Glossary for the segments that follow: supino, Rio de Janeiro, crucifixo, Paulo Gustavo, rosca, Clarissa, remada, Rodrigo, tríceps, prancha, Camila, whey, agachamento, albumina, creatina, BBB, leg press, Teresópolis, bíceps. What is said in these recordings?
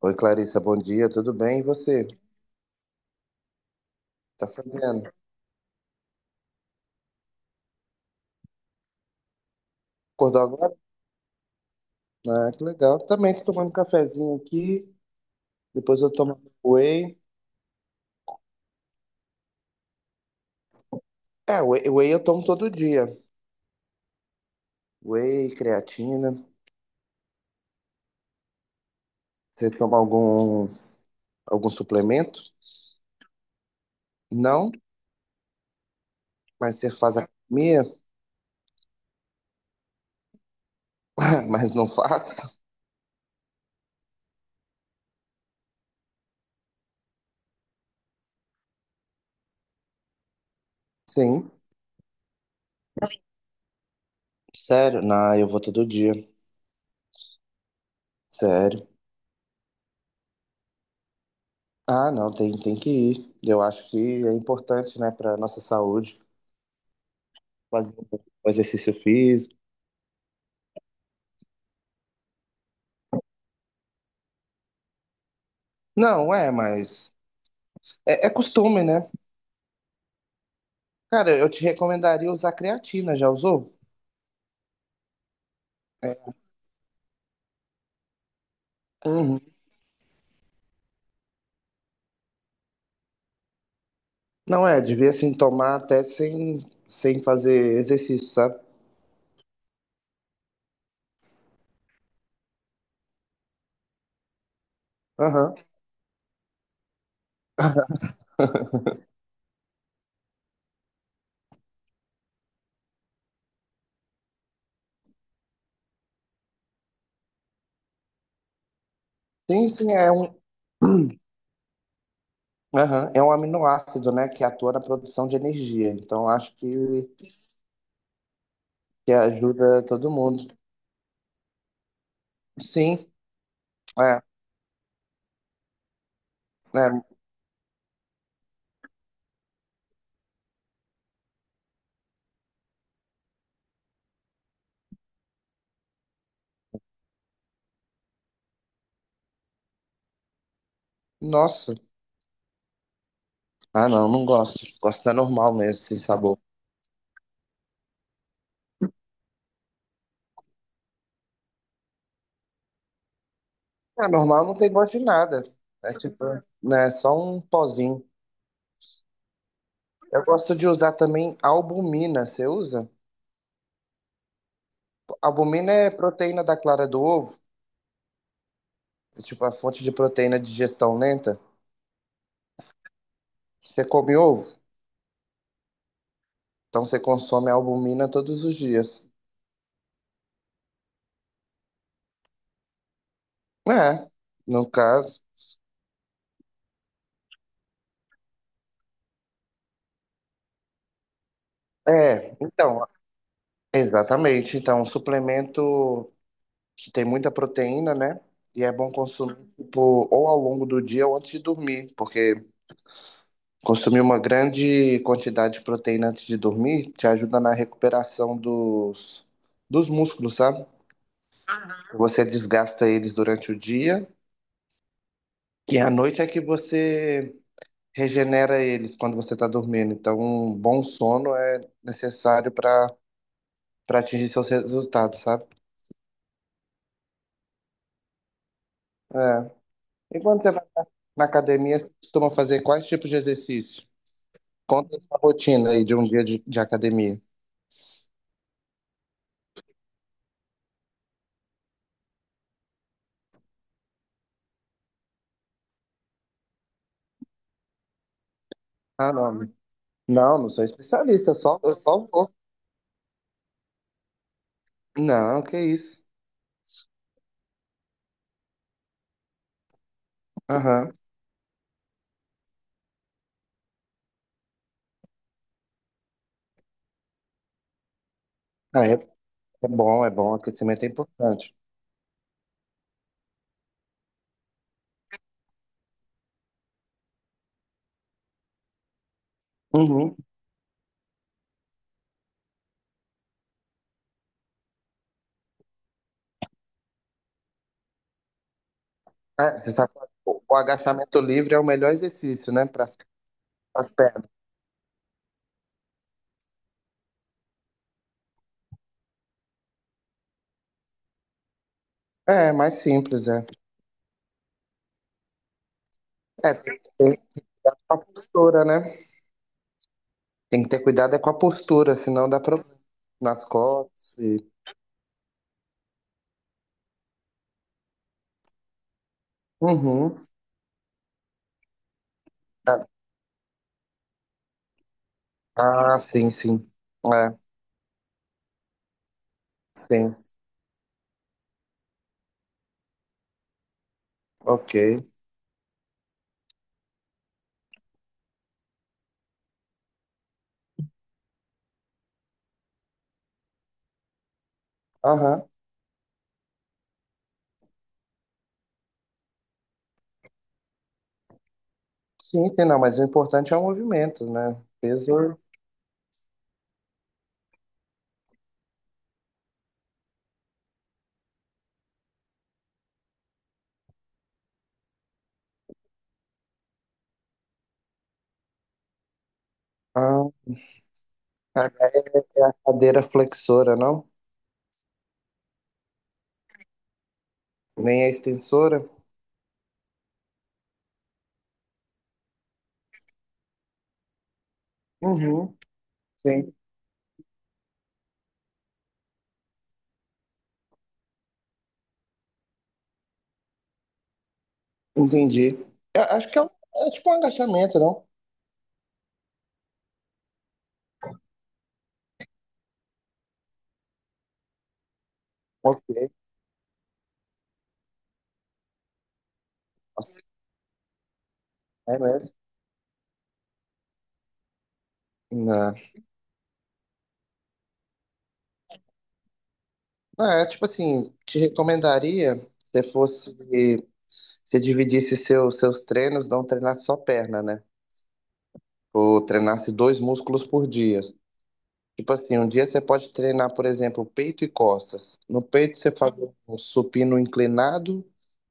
Oi, Clarissa, bom dia, tudo bem? E você? Tá fazendo? Acordou agora? Ah, que legal. Também tô tomando um cafezinho aqui, depois eu tomo whey. É, whey, eu tomo todo dia. Whey, creatina. Você toma algum suplemento? Não, mas você faz academia? Mas não faço. Sim, sério? Não, eu vou todo dia, sério. Ah, não, tem que ir. Eu acho que é importante, né, para nossa saúde, fazer um exercício físico. Não. É, é costume, né? Cara, eu te recomendaria usar creatina, já usou? É. Uhum. Não é, devia tomar até sem fazer exercício, sabe? Aham. Sim, sim, é um. Aham, é um aminoácido, né, que atua na produção de energia. Então, que ajuda todo mundo. Sim, é, é. Nossa. Ah, não, não gosto. Gosto da normal mesmo, sem sabor. A normal não tem gosto de nada. É tipo, né, só um pozinho. Eu gosto de usar também albumina. Você usa? Albumina é proteína da clara do ovo, é tipo a fonte de proteína de digestão lenta. Você come ovo, então você consome albumina todos os dias. É, no caso. É, então, exatamente. Então, um suplemento que tem muita proteína, né? E é bom consumir, tipo, ou ao longo do dia ou antes de dormir, porque consumir uma grande quantidade de proteína antes de dormir te ajuda na recuperação dos músculos, sabe? Você desgasta eles durante o dia e à noite é que você regenera eles quando você está dormindo. Então, um bom sono é necessário para atingir seus resultados, sabe? É. E quando você vai na academia, você costuma fazer quais tipos de exercício? Conta a sua rotina aí de um dia de academia. Ah, não. Não, não sou especialista, eu só vou. Não, que isso. Aham. Ah, é, é bom. Aquecimento é importante. Uhum. É, você sabe, o agachamento livre é o melhor exercício, né? Para as pernas. É, mais simples, é. É, tem que ter cuidado com a postura, né? Tem que ter cuidado é com a postura, senão dá problema nas costas. Uhum. Ah, ah, sim, sim. É, sim. Ok. Aham. Sim, sim, não, mas o importante é o movimento, né? Peso. Ah, é a cadeira flexora, não? Nem a extensora. Uhum, sim, entendi. Eu acho que é, um- é tipo um agachamento, não? Ok, é mesmo. Não. Ah, é, tipo assim, te recomendaria se fosse se dividisse seus treinos, não treinasse só perna, né? Ou treinasse dois músculos por dia. Tipo assim, um dia você pode treinar, por exemplo, peito e costas. No peito você faz um supino inclinado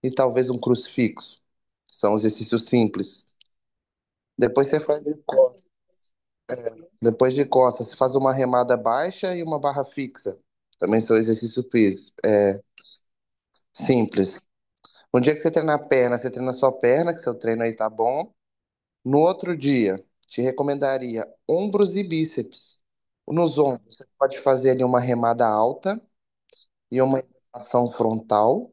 e talvez um crucifixo. São exercícios simples. Depois você faz um Depois de costas, você faz uma remada baixa e uma barra fixa. Também são exercícios físicos, é, simples. Um dia que você treina a perna, você treina só a perna, que seu treino aí tá bom. No outro dia, te recomendaria ombros e bíceps. Nos ombros, você pode fazer ali uma remada alta e uma ação frontal.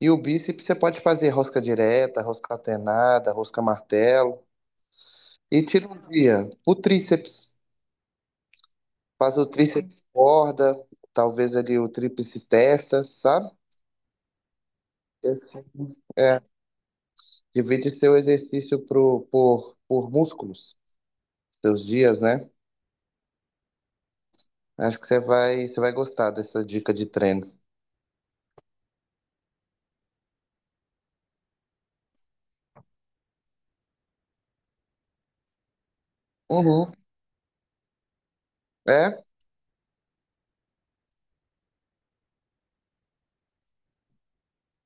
E o bíceps, você pode fazer rosca direta, rosca alternada, rosca martelo. E tira um dia o tríceps. Faz o tríceps corda, talvez ali o tríceps testa, sabe? E assim, é, divide seu exercício por músculos, seus dias, né? Acho que você vai gostar dessa dica de treino. Uhum. É?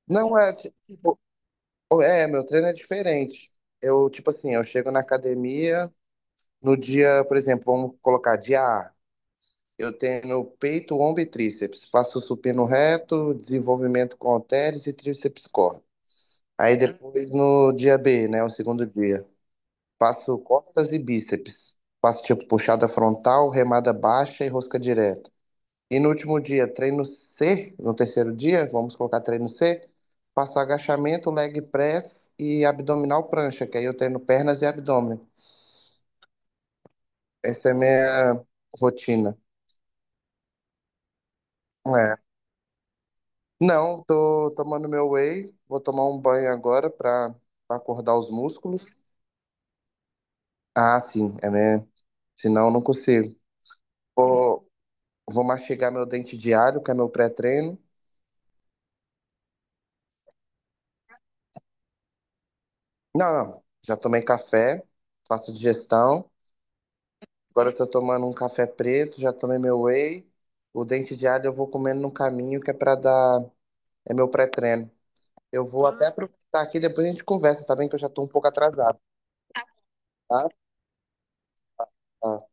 Não, é, ti- tipo, é, meu treino é diferente. Eu, tipo assim, eu chego na academia no dia, por exemplo, vamos colocar dia A. Eu tenho peito, ombro e tríceps. Faço supino reto, desenvolvimento com halteres e tríceps corda. Aí depois no dia B, né? O segundo dia. Faço costas e bíceps. Faço tipo puxada frontal, remada baixa e rosca direta. E no último dia, treino C, no terceiro dia, vamos colocar treino C, faço agachamento, leg press e abdominal prancha, que aí eu treino pernas e abdômen. Essa é a minha rotina. É. Não, tô tomando meu whey, vou tomar um banho agora pra acordar os músculos. Ah, sim, é mesmo. Senão eu não consigo. Vou, Vou mastigar meu dente diário, que é meu pré-treino. Não, não. Já tomei café, faço digestão. Agora eu tô tomando um café preto, já tomei meu whey. O dente diário eu vou comendo no caminho, que é pra dar. É meu pré-treino. Eu vou Ah, até Ah, aproveitar aqui, depois a gente conversa, tá bem? Que eu já tô um pouco atrasado, tá? Tá.